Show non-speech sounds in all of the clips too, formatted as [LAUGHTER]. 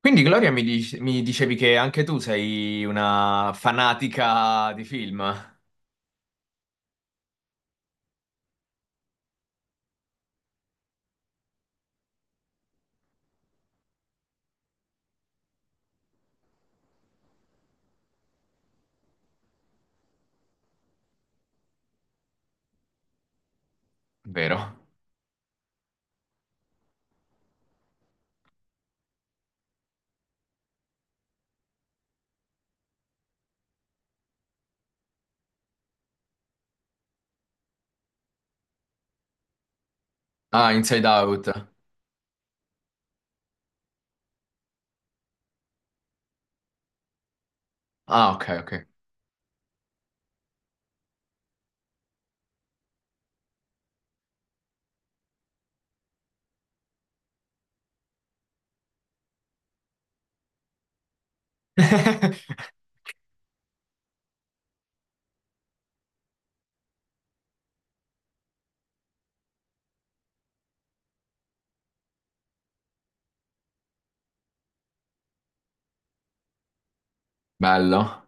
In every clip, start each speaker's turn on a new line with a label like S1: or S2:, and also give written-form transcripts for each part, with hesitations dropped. S1: Quindi Gloria mi dicevi che anche tu sei una fanatica di film, vero? Ah, Inside Out. Ah, ok. [LAUGHS] Bello.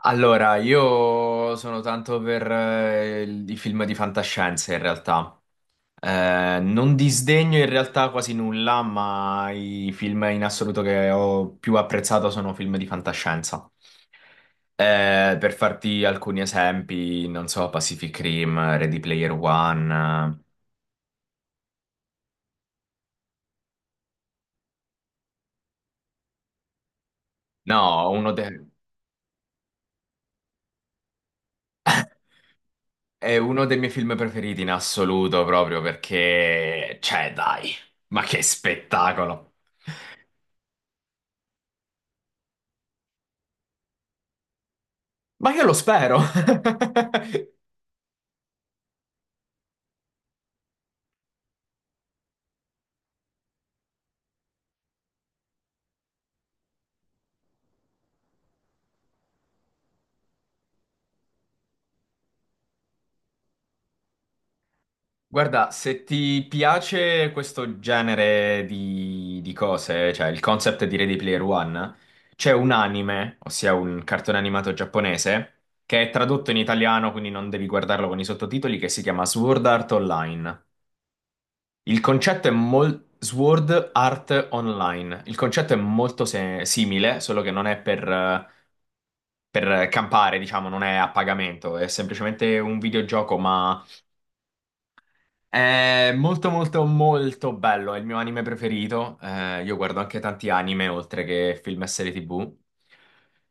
S1: Allora, io sono tanto per i film di fantascienza in realtà. Non disdegno in realtà quasi nulla, ma i film in assoluto che ho più apprezzato sono film di fantascienza. Per farti alcuni esempi, non so, Pacific Rim, Ready Player One. No, è uno dei miei film preferiti in assoluto, proprio perché, cioè, dai, ma che spettacolo! Ma io lo spero! [LAUGHS] Guarda, se ti piace questo genere di cose, cioè il concept di Ready Player One, c'è un anime, ossia un cartone animato giapponese, che è tradotto in italiano, quindi non devi guardarlo con i sottotitoli, che si chiama Sword Art Online. Il concetto è molto... Sword Art Online. Il concetto è molto se- simile, solo che non è per campare, diciamo, non è a pagamento, è semplicemente un videogioco, ma è molto molto molto bello, è il mio anime preferito. Io guardo anche tanti anime oltre che film e serie TV.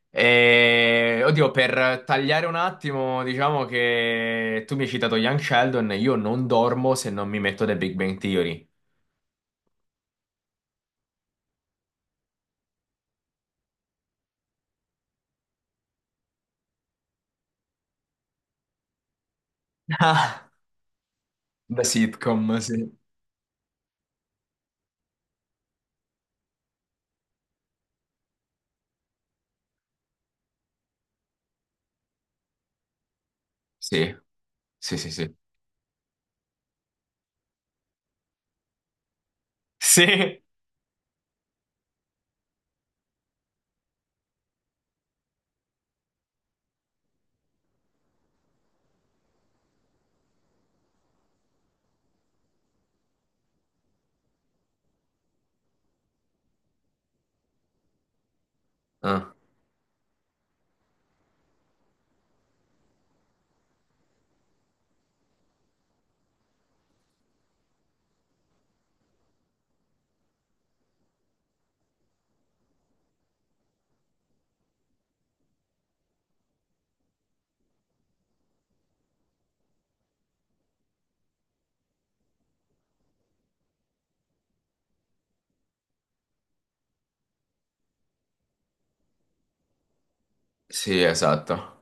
S1: E oddio, per tagliare un attimo, diciamo che tu mi hai citato Young Sheldon, io non dormo se non mi metto The Big Bang Theory. [LAUGHS] Ah, da sitcom, sì. Sì, sì, sì, sì. Sì. Ah, sì, esatto.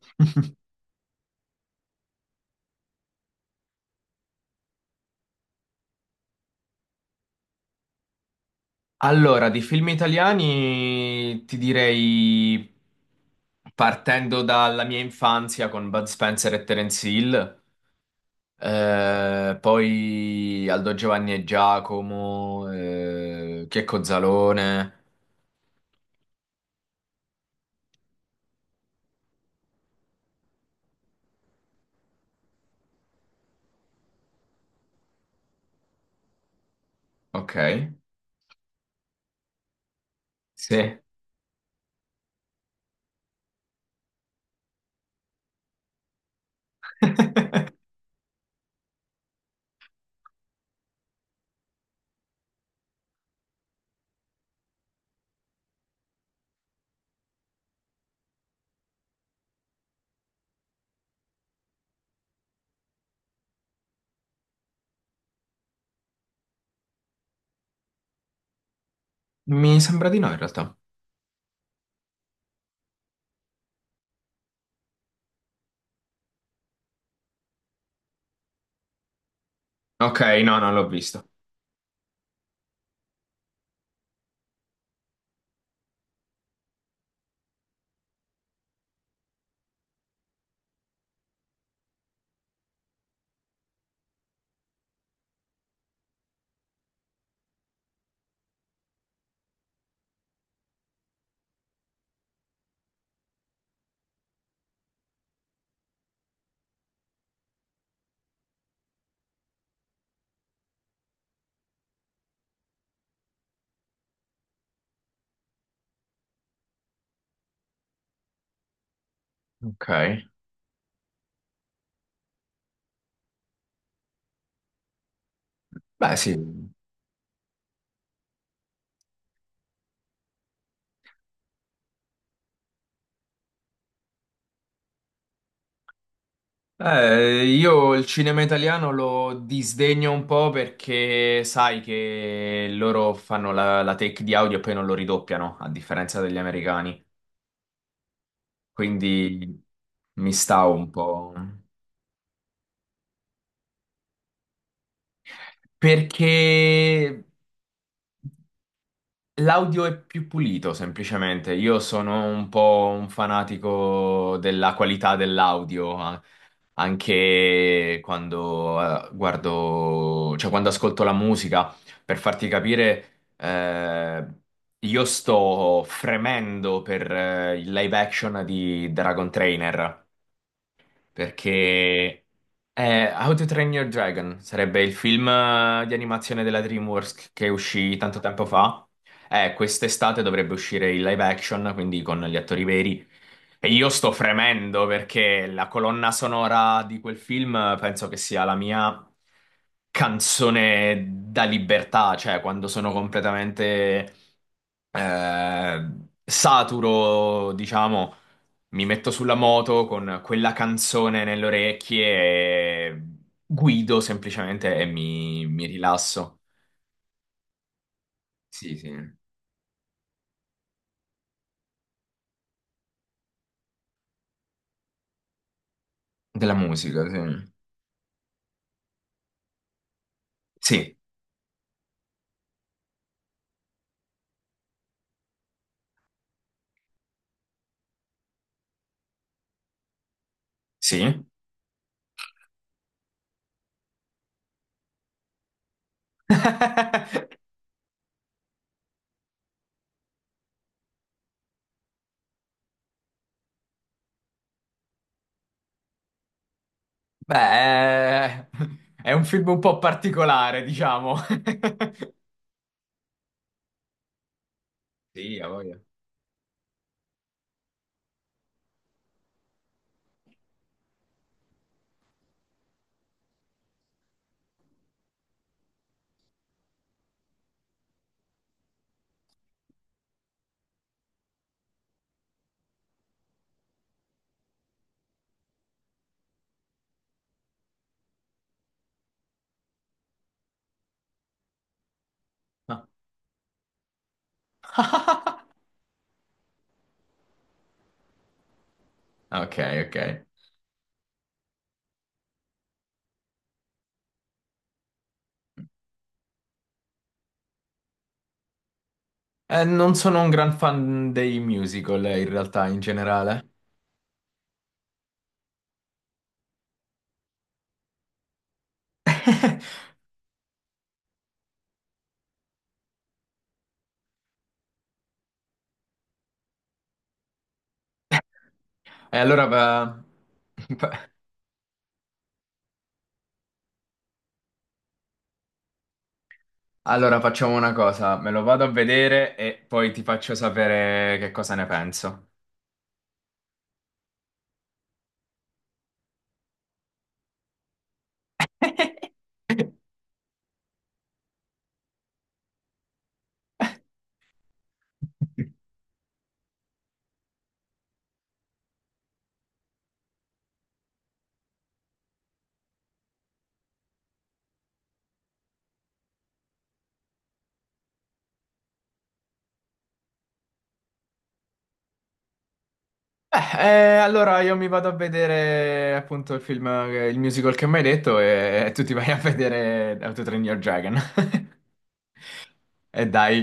S1: [LAUGHS] Allora, di film italiani ti direi, partendo dalla mia infanzia con Bud Spencer e Terence Hill, poi Aldo Giovanni e Giacomo, Checco Zalone. Ok, sì. [LAUGHS] Mi sembra di no in realtà. Ok, no, non l'ho visto. Ok. Beh, sì. Io il cinema italiano lo disdegno un po' perché sai che loro fanno la take di audio e poi non lo ridoppiano, a differenza degli americani. Quindi mi stavo un po'. Perché. L'audio è più pulito, semplicemente. Io sono un po' un fanatico della qualità dell'audio, a- anche quando guardo, cioè quando ascolto la musica, per farti capire, io sto fremendo per il live action di Dragon Trainer perché è How to Train Your Dragon, sarebbe il film di animazione della DreamWorks che uscì tanto tempo fa. Quest'estate dovrebbe uscire il live action, quindi con gli attori veri. E io sto fremendo perché la colonna sonora di quel film penso che sia la mia canzone da libertà, cioè quando sono completamente eh, saturo, diciamo, mi metto sulla moto con quella canzone nelle orecchie e guido semplicemente e mi rilasso. Sì, sì. Della musica, sì. Sì, sì. [LAUGHS] Beh, è un film un po' particolare, diciamo. [LAUGHS] Sì, a voglia. Ah, [LAUGHS] Ok, ok. Non sono un gran fan dei musical, in realtà, in generale. [LAUGHS] E allora, va- [LAUGHS] allora facciamo una cosa, me lo vado a vedere e poi ti faccio sapere che cosa ne penso. [LAUGHS] Eh, allora io mi vado a vedere appunto il film, il musical che mi hai detto e tu ti vai a vedere How to Train Your Dragon. [LAUGHS] E dai.